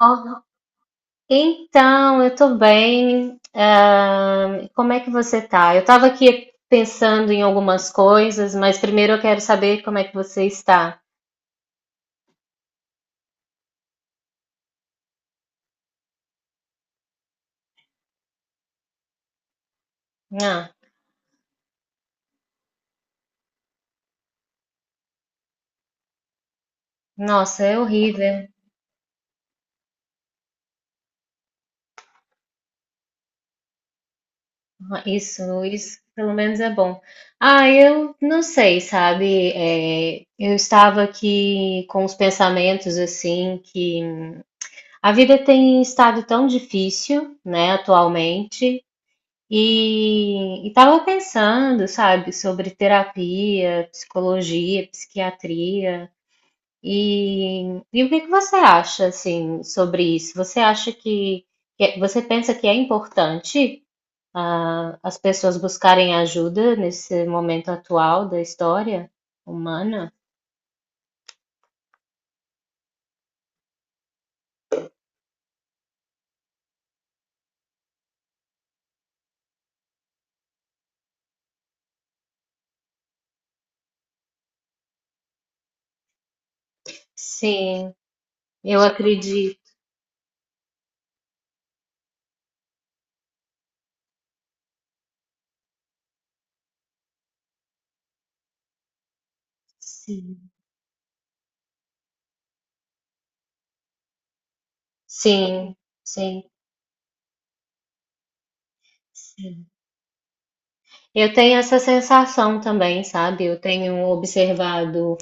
Oh, então, eu tô bem. Ah, como é que você tá? Eu tava aqui pensando em algumas coisas, mas primeiro eu quero saber como é que você está. Ah, nossa, é horrível. Isso pelo menos é bom. Ah, eu não sei, sabe? É, eu estava aqui com os pensamentos assim que a vida tem estado tão difícil, né, atualmente. E estava pensando, sabe, sobre terapia, psicologia, psiquiatria. E, e o que que você acha, assim, sobre isso? Você acha que, você pensa que é importante, as pessoas buscarem ajuda nesse momento atual da história humana? Sim, eu acredito. Sim, sim, sim. Eu tenho essa sensação também, sabe? Eu tenho observado,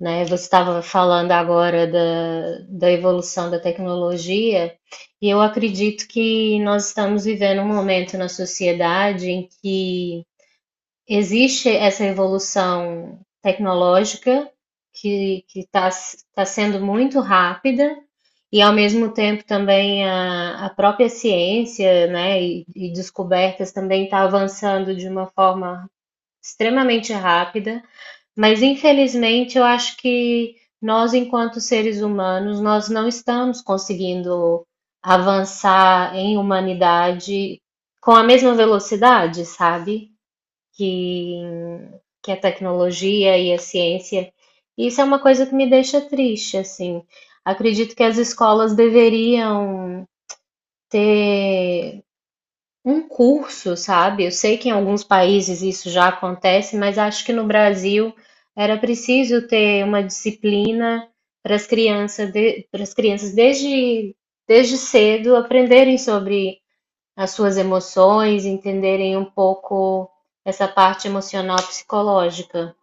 né? Você estava falando agora da evolução da tecnologia, e eu acredito que nós estamos vivendo um momento na sociedade em que existe essa evolução tecnológica que está tá sendo muito rápida, e ao mesmo tempo também a própria ciência, né, e descobertas também está avançando de uma forma extremamente rápida. Mas infelizmente eu acho que nós, enquanto seres humanos, nós não estamos conseguindo avançar em humanidade com a mesma velocidade, sabe? Que, que a tecnologia e a ciência. Isso é uma coisa que me deixa triste, assim. Acredito que as escolas deveriam ter um curso, sabe? Eu sei que em alguns países isso já acontece, mas acho que no Brasil era preciso ter uma disciplina para as crianças, para as crianças desde cedo aprenderem sobre as suas emoções, entenderem um pouco essa parte emocional psicológica.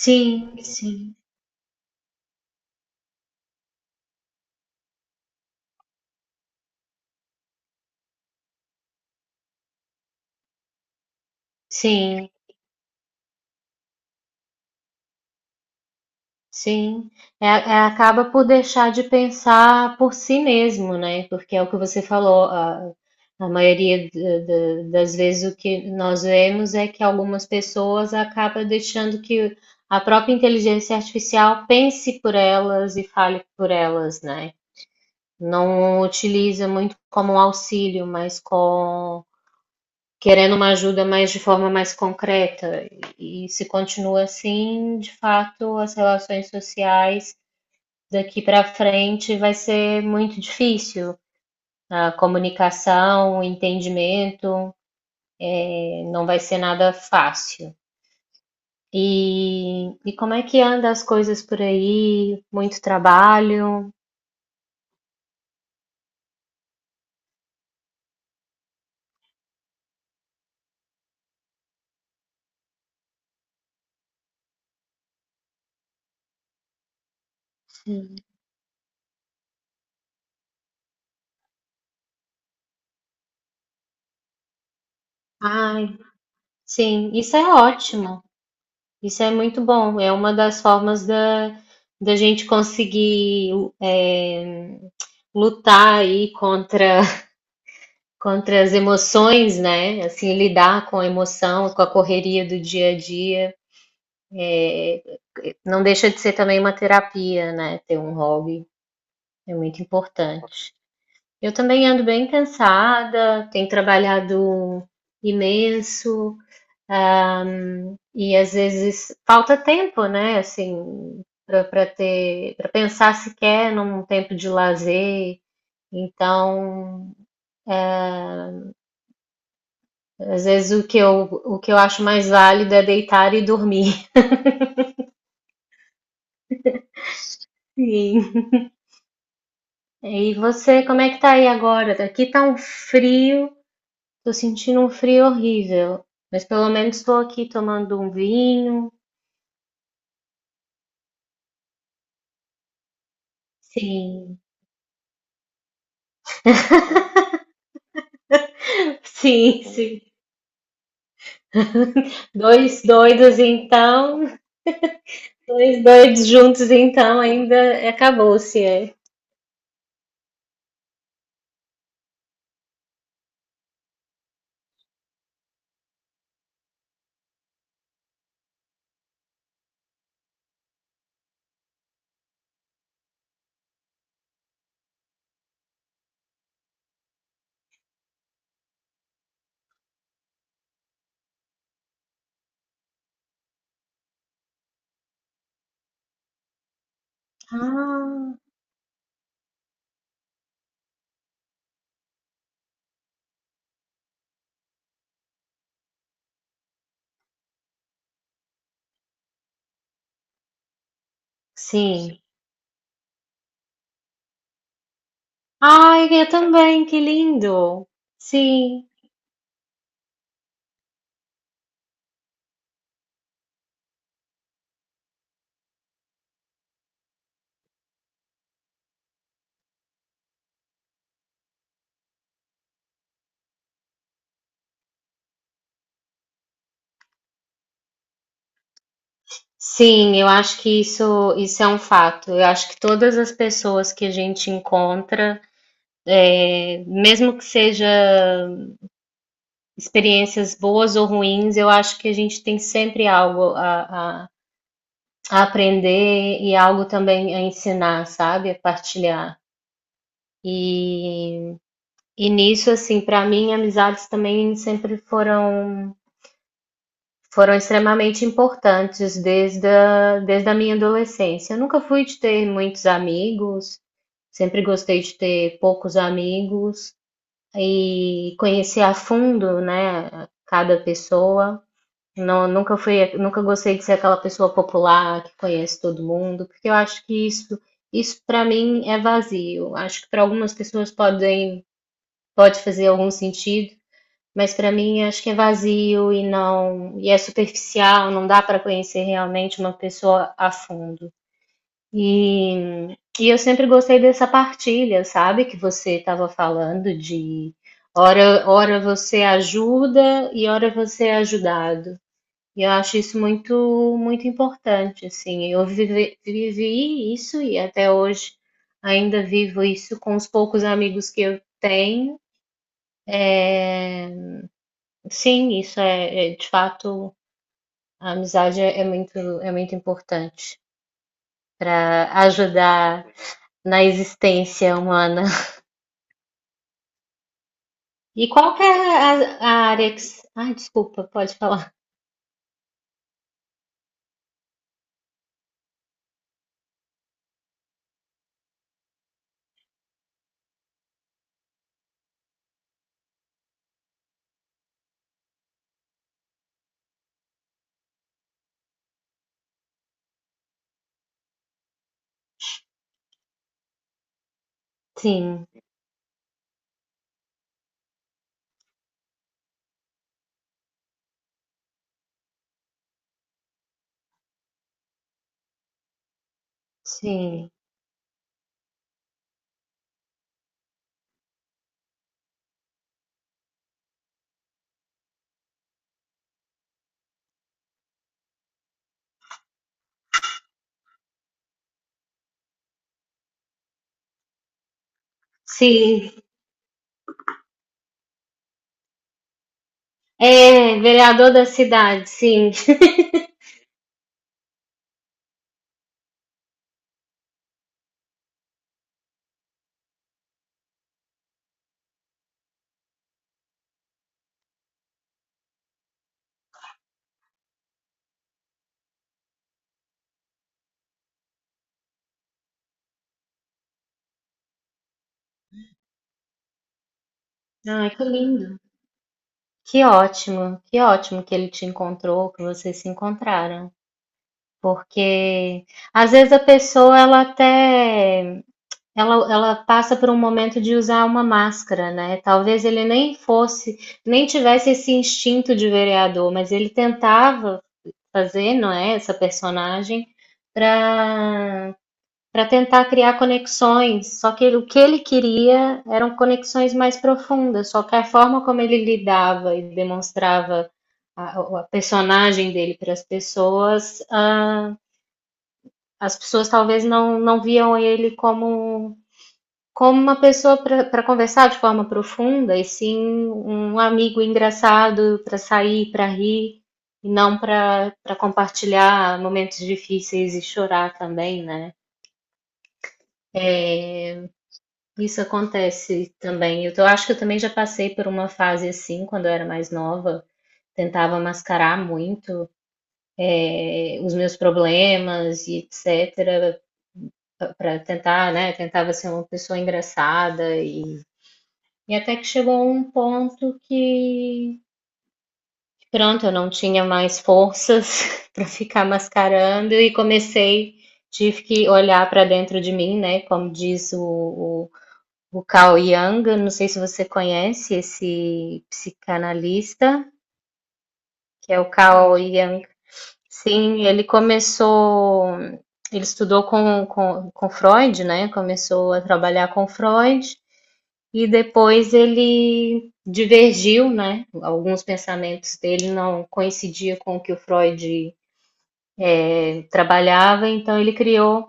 Sim, sim, sim. Sim, acaba por deixar de pensar por si mesmo, né? Porque é o que você falou, a maioria das vezes o que nós vemos é que algumas pessoas acabam deixando que a própria inteligência artificial pense por elas e fale por elas, né? Não utiliza muito como um auxílio, mas com querendo uma ajuda mais de forma mais concreta. E se continua assim, de fato, as relações sociais daqui para frente vai ser muito difícil. A comunicação, o entendimento, não vai ser nada fácil. E como é que anda as coisas por aí? Muito trabalho? Ai, sim, isso é ótimo. Isso é muito bom. É uma das formas da gente conseguir, eh, lutar aí contra, contra as emoções, né? Assim, lidar com a emoção, com a correria do dia a dia. É, não deixa de ser também uma terapia, né? Ter um hobby é muito importante. Eu também ando bem cansada, tenho trabalhado imenso, ah, e às vezes falta tempo, né? Assim, para pensar sequer num tempo de lazer. Então, às vezes o que eu acho mais válido é deitar e dormir. Sim. E você, como é que tá aí agora? Aqui tá um frio. Tô sentindo um frio horrível, mas pelo menos estou aqui tomando um vinho. Sim, sim, sim. Dois doidos então, dois doidos juntos então, ainda acabou-se. É. Ah, sim. Ai, eu também, que lindo. Sim, sim, eu acho que isso é um fato. Eu acho que todas as pessoas que a gente encontra, é, mesmo que seja experiências boas ou ruins, eu acho que a gente tem sempre algo a aprender e algo também a ensinar, sabe? A partilhar. E, e nisso, assim, para mim, amizades também sempre foram extremamente importantes desde a minha adolescência. Eu nunca fui de ter muitos amigos, sempre gostei de ter poucos amigos e conhecer a fundo, né, cada pessoa. Não, nunca gostei de ser aquela pessoa popular que conhece todo mundo, porque eu acho que isso para mim é vazio. Acho que para algumas pessoas pode fazer algum sentido, mas para mim acho que é vazio e não, e é superficial, não dá para conhecer realmente uma pessoa a fundo. E, e eu sempre gostei dessa partilha, sabe, que você estava falando de hora você ajuda e hora você é ajudado. E eu acho isso muito, muito importante, assim. Eu vivi isso e até hoje ainda vivo isso com os poucos amigos que eu tenho. Sim, isso é, de fato, a amizade é muito importante para ajudar na existência humana. E qual que é a área que Ai, desculpa, pode falar. Sim, sim, sim. É, vereador da cidade, sim. Ai, que lindo. Que ótimo, que ótimo que ele te encontrou, que vocês se encontraram. Porque às vezes a pessoa ela até ela passa por um momento de usar uma máscara, né? Talvez ele nem fosse, nem tivesse esse instinto de vereador, mas ele tentava fazer, não é, essa personagem para para tentar criar conexões. Só que o que ele queria eram conexões mais profundas, só que a forma como ele lidava e demonstrava a personagem dele para as pessoas, as pessoas talvez não viam ele como, como uma pessoa para conversar de forma profunda, e sim um amigo engraçado para sair, para rir. E não para compartilhar momentos difíceis e chorar também, né? É, isso acontece também. Eu acho que eu também já passei por uma fase assim, quando eu era mais nova. Tentava mascarar muito, os meus problemas e etc. para tentar, né? Tentava ser uma pessoa engraçada e até que chegou um ponto que, pronto, eu não tinha mais forças para ficar mascarando e comecei, tive que olhar para dentro de mim, né? Como diz o Carl Jung, não sei se você conhece esse psicanalista, que é o Carl Jung. Sim, ele estudou com Freud, né? Começou a trabalhar com Freud e depois ele divergiu, né? Alguns pensamentos dele não coincidiam com o que o Freud trabalhava, então ele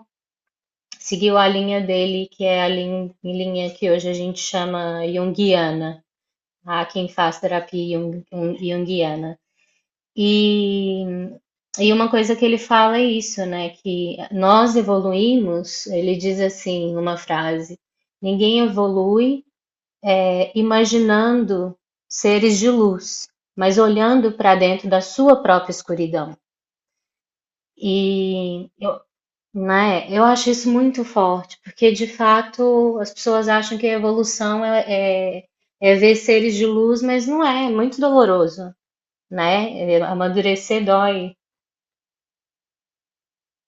seguiu a linha dele, que é a linha que hoje a gente chama junguiana, a quem faz terapia junguiana. E, e uma coisa que ele fala é isso, né? Que nós evoluímos, ele diz assim, uma frase: ninguém evolui, imaginando seres de luz, mas olhando para dentro da sua própria escuridão. E eu, né, eu acho isso muito forte, porque de fato as pessoas acham que a evolução é ver seres de luz, mas não é, é muito doloroso. Né, amadurecer dói.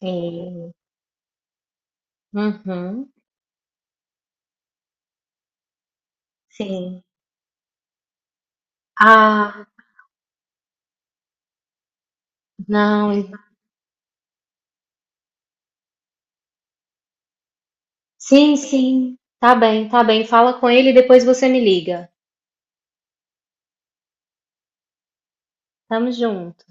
Sim. Uhum. Sim. Ah, não, sim, sim, tá bem, fala com ele e depois você me liga. Estamos junto.